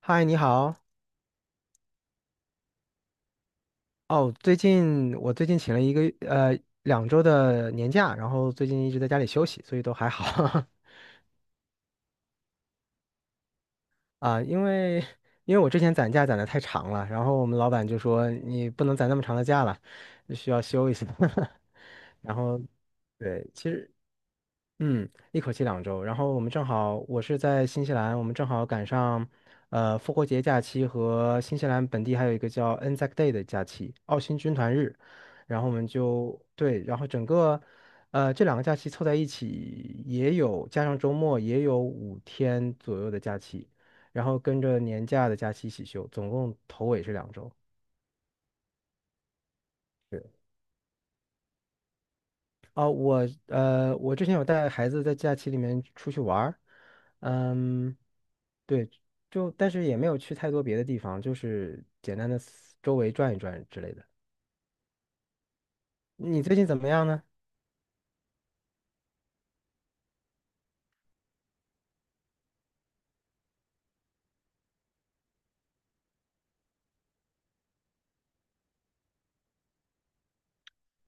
嗨，你好。哦，最近请了一个两周的年假，然后最近一直在家里休息，所以都还好。 啊。因为我之前攒假攒的太长了，然后我们老板就说你不能攒那么长的假了，需要休一下。然后对，其实一口气两周。然后我们正好，我是在新西兰，我们正好赶上，复活节假期和新西兰本地还有一个叫 Anzac Day 的假期，澳新军团日。然后我们就对，然后整个，这两个假期凑在一起，也有加上周末也有5天左右的假期，然后跟着年假的假期一起休，总共头尾是两周。对，哦，我之前有带孩子在假期里面出去玩儿，嗯。对，就但是也没有去太多别的地方，就是简单的周围转一转之类的。你最近怎么样呢？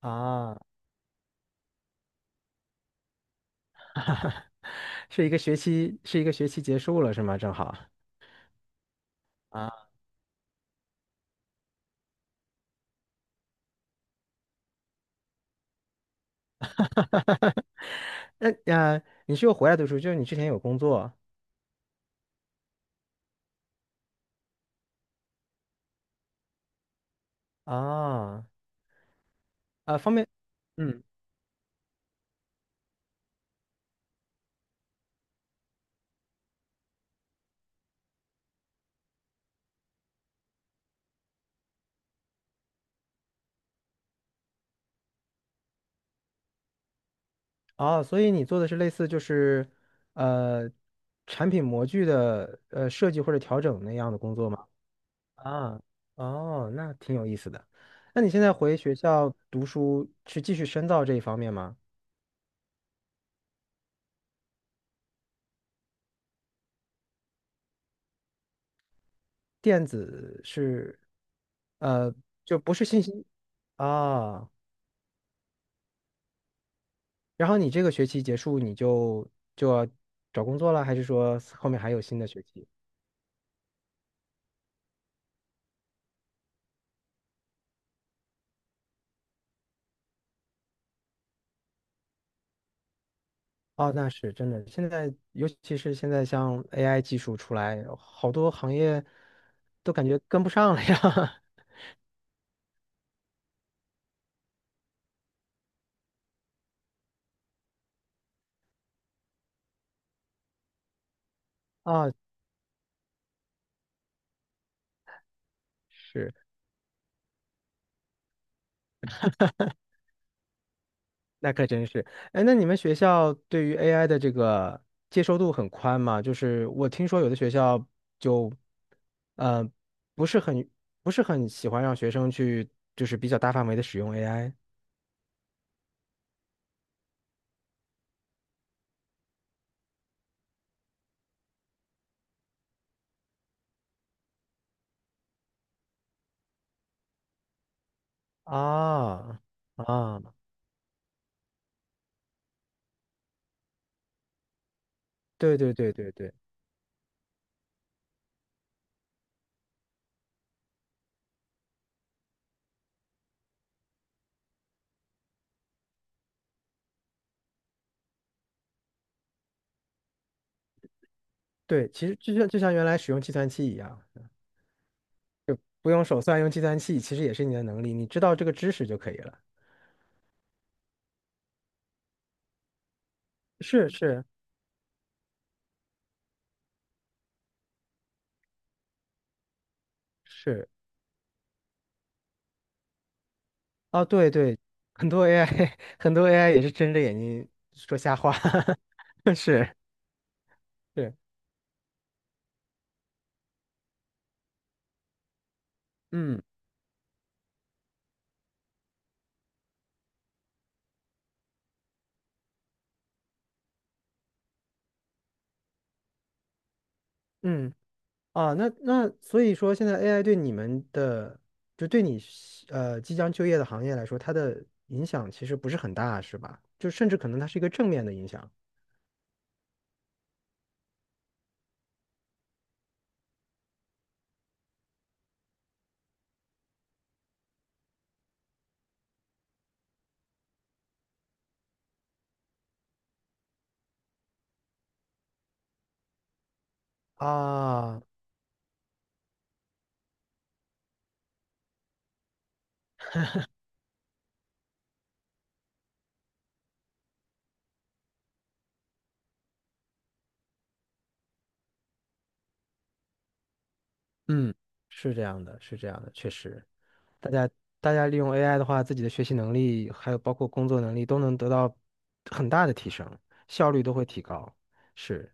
啊，是一个学期结束了是吗？正好啊，那啊，你是又回来读书，就是你之前有工作。啊啊，方便，嗯，哦，所以你做的是类似就是呃产品模具的设计或者调整那样的工作吗？啊，哦，那挺有意思的。那你现在回学校读书，去继续深造这一方面吗？电子是，呃，就不是信息啊。然后你这个学期结束，你就要找工作了，还是说后面还有新的学期？哦，那是真的。现在，尤其是现在像 AI 技术出来，好多行业都感觉跟不上了呀。啊，是。那可真是，哎，那你们学校对于 AI 的这个接受度很宽吗？就是我听说有的学校就，呃，不是很不是很喜欢让学生去，就是比较大范围的使用 AI。啊啊，对对对对对对，其实就像原来使用计算器一样，不用手算，用计算器其实也是你的能力，你知道这个知识就可以了。是是。是。啊，对对，很多 AI 很多 AI 也是睁着眼睛说瞎话。是是，嗯嗯啊，那所以说现在 AI 对你们的，就对你即将就业的行业来说，它的影响其实不是很大，是吧？就甚至可能它是一个正面的影响。啊，嗯，是这样的，是这样的，确实。大家大家利用 AI 的话，自己的学习能力还有包括工作能力都能得到很大的提升，效率都会提高。是，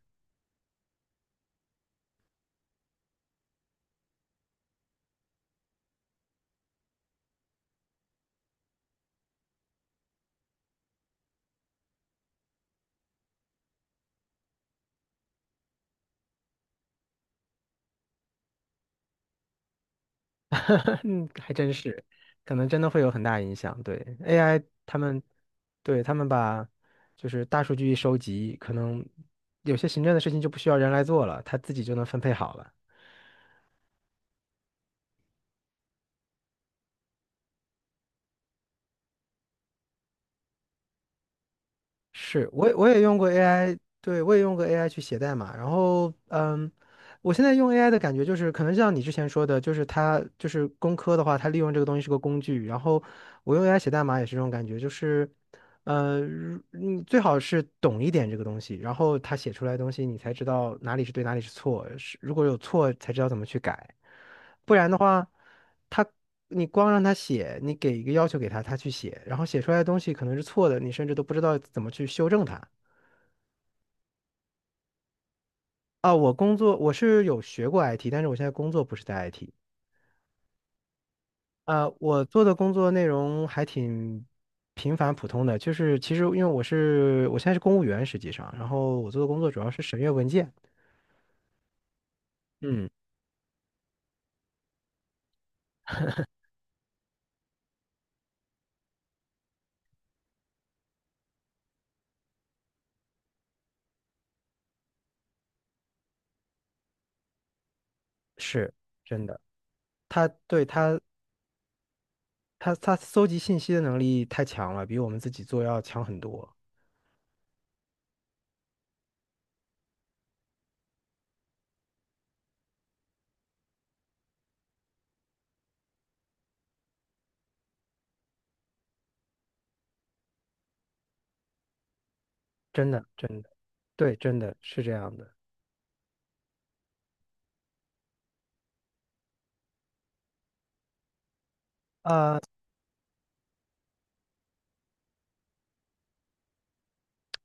嗯，还真是，可能真的会有很大影响。对 AI，他们把就是大数据一收集，可能有些行政的事情就不需要人来做了，他自己就能分配好了。是，我也用过 AI，对，我也用过 AI 去写代码。然后，我现在用 AI 的感觉就是，可能像你之前说的，就是它就是工科的话，它利用这个东西是个工具。然后我用 AI 写代码也是这种感觉，就是，如你最好是懂一点这个东西，然后它写出来的东西你才知道哪里是对，哪里是错，是如果有错才知道怎么去改。不然的话，他你光让他写，你给一个要求给他，他去写，然后写出来的东西可能是错的，你甚至都不知道怎么去修正它。啊，我工作我是有学过 IT，但是我现在工作不是在 IT。啊，我做的工作内容还挺平凡普通的，就是其实因为我现在是公务员，实际上，然后我做的工作主要是审阅文件。嗯，是真的，他对他他他搜集信息的能力太强了，比我们自己做要强很多。真的真的，对，真的是这样的。啊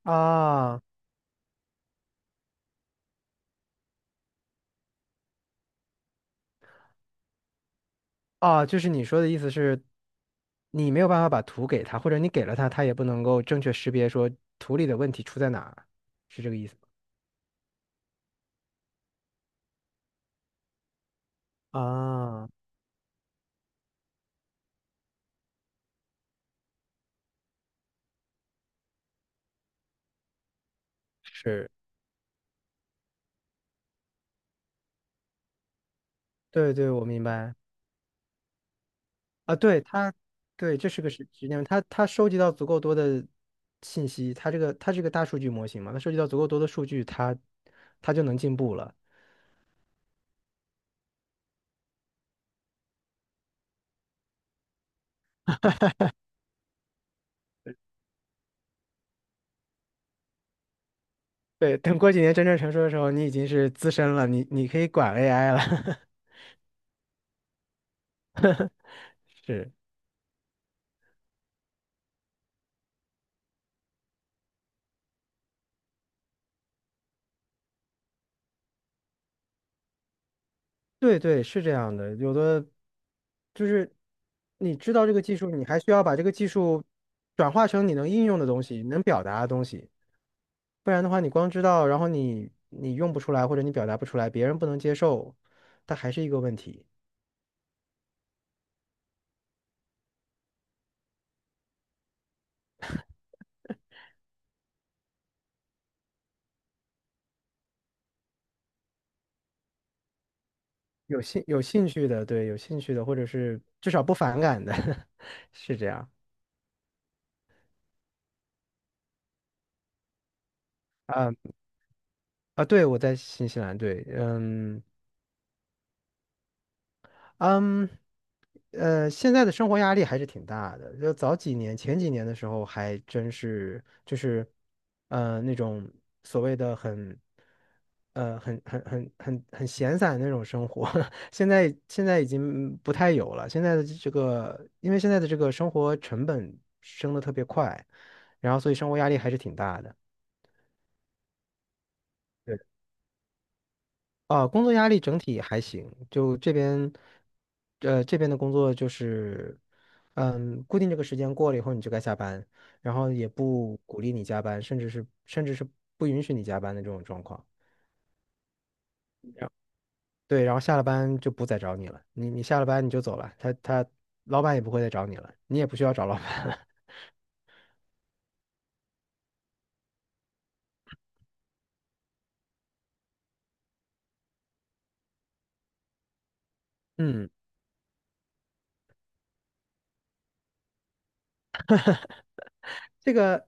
啊啊，就是你说的意思是，你没有办法把图给他，或者你给了他，他也不能够正确识别说图里的问题出在哪儿，是这个意思吗？啊，是，对对，我明白啊，对他，对，这是个时间问题，他收集到足够多的信息，他这个大数据模型嘛，他收集到足够多的数据，他就能进步了。对，等过几年真正成熟的时候，你已经是资深了，你可以管 AI 了。是，对对，是这样的。有的就是你知道这个技术，你还需要把这个技术转化成你能应用的东西，能表达的东西。不然的话，你光知道，然后你用不出来，或者你表达不出来，别人不能接受，它还是一个问题。有兴趣的，对，有兴趣的，或者是至少不反感的。是这样。啊啊，对，我在新西兰，对，嗯。嗯，现在的生活压力还是挺大的。就早几年、前几年的时候，还真是就是，那种所谓的很，很闲散的那种生活。现在已经不太有了。现在的这个，因为现在的这个生活成本升的特别快，然后所以生活压力还是挺大的。对。啊，工作压力整体还行，就这边，这边的工作就是，固定这个时间过了以后你就该下班，然后也不鼓励你加班，甚至是不允许你加班的这种状况。对，然后下了班就不再找你了，你下了班你就走了，他老板也不会再找你了，你也不需要找老板了。嗯，这个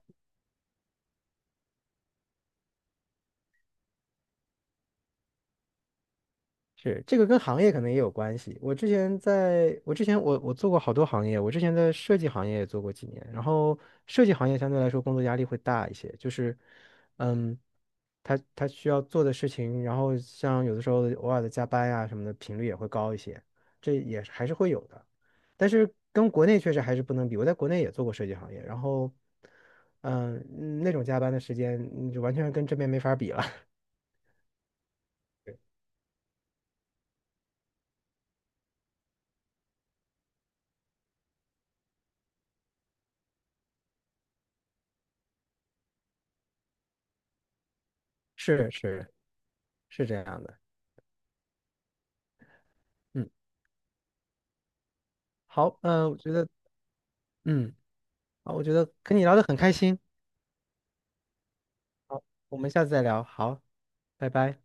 是，这个跟行业可能也有关系。我之前我做过好多行业，我之前在设计行业也做过几年，然后设计行业相对来说工作压力会大一些，就是，嗯，他需要做的事情，然后像有的时候偶尔的加班呀、什么的频率也会高一些，这也是还是会有的，但是跟国内确实还是不能比。我在国内也做过设计行业，然后，嗯，那种加班的时间，就完全跟这边没法比了。是是是这样的。嗯。好，嗯、我觉得，嗯，好，我觉得跟你聊得很开心，我们下次再聊，好，拜拜。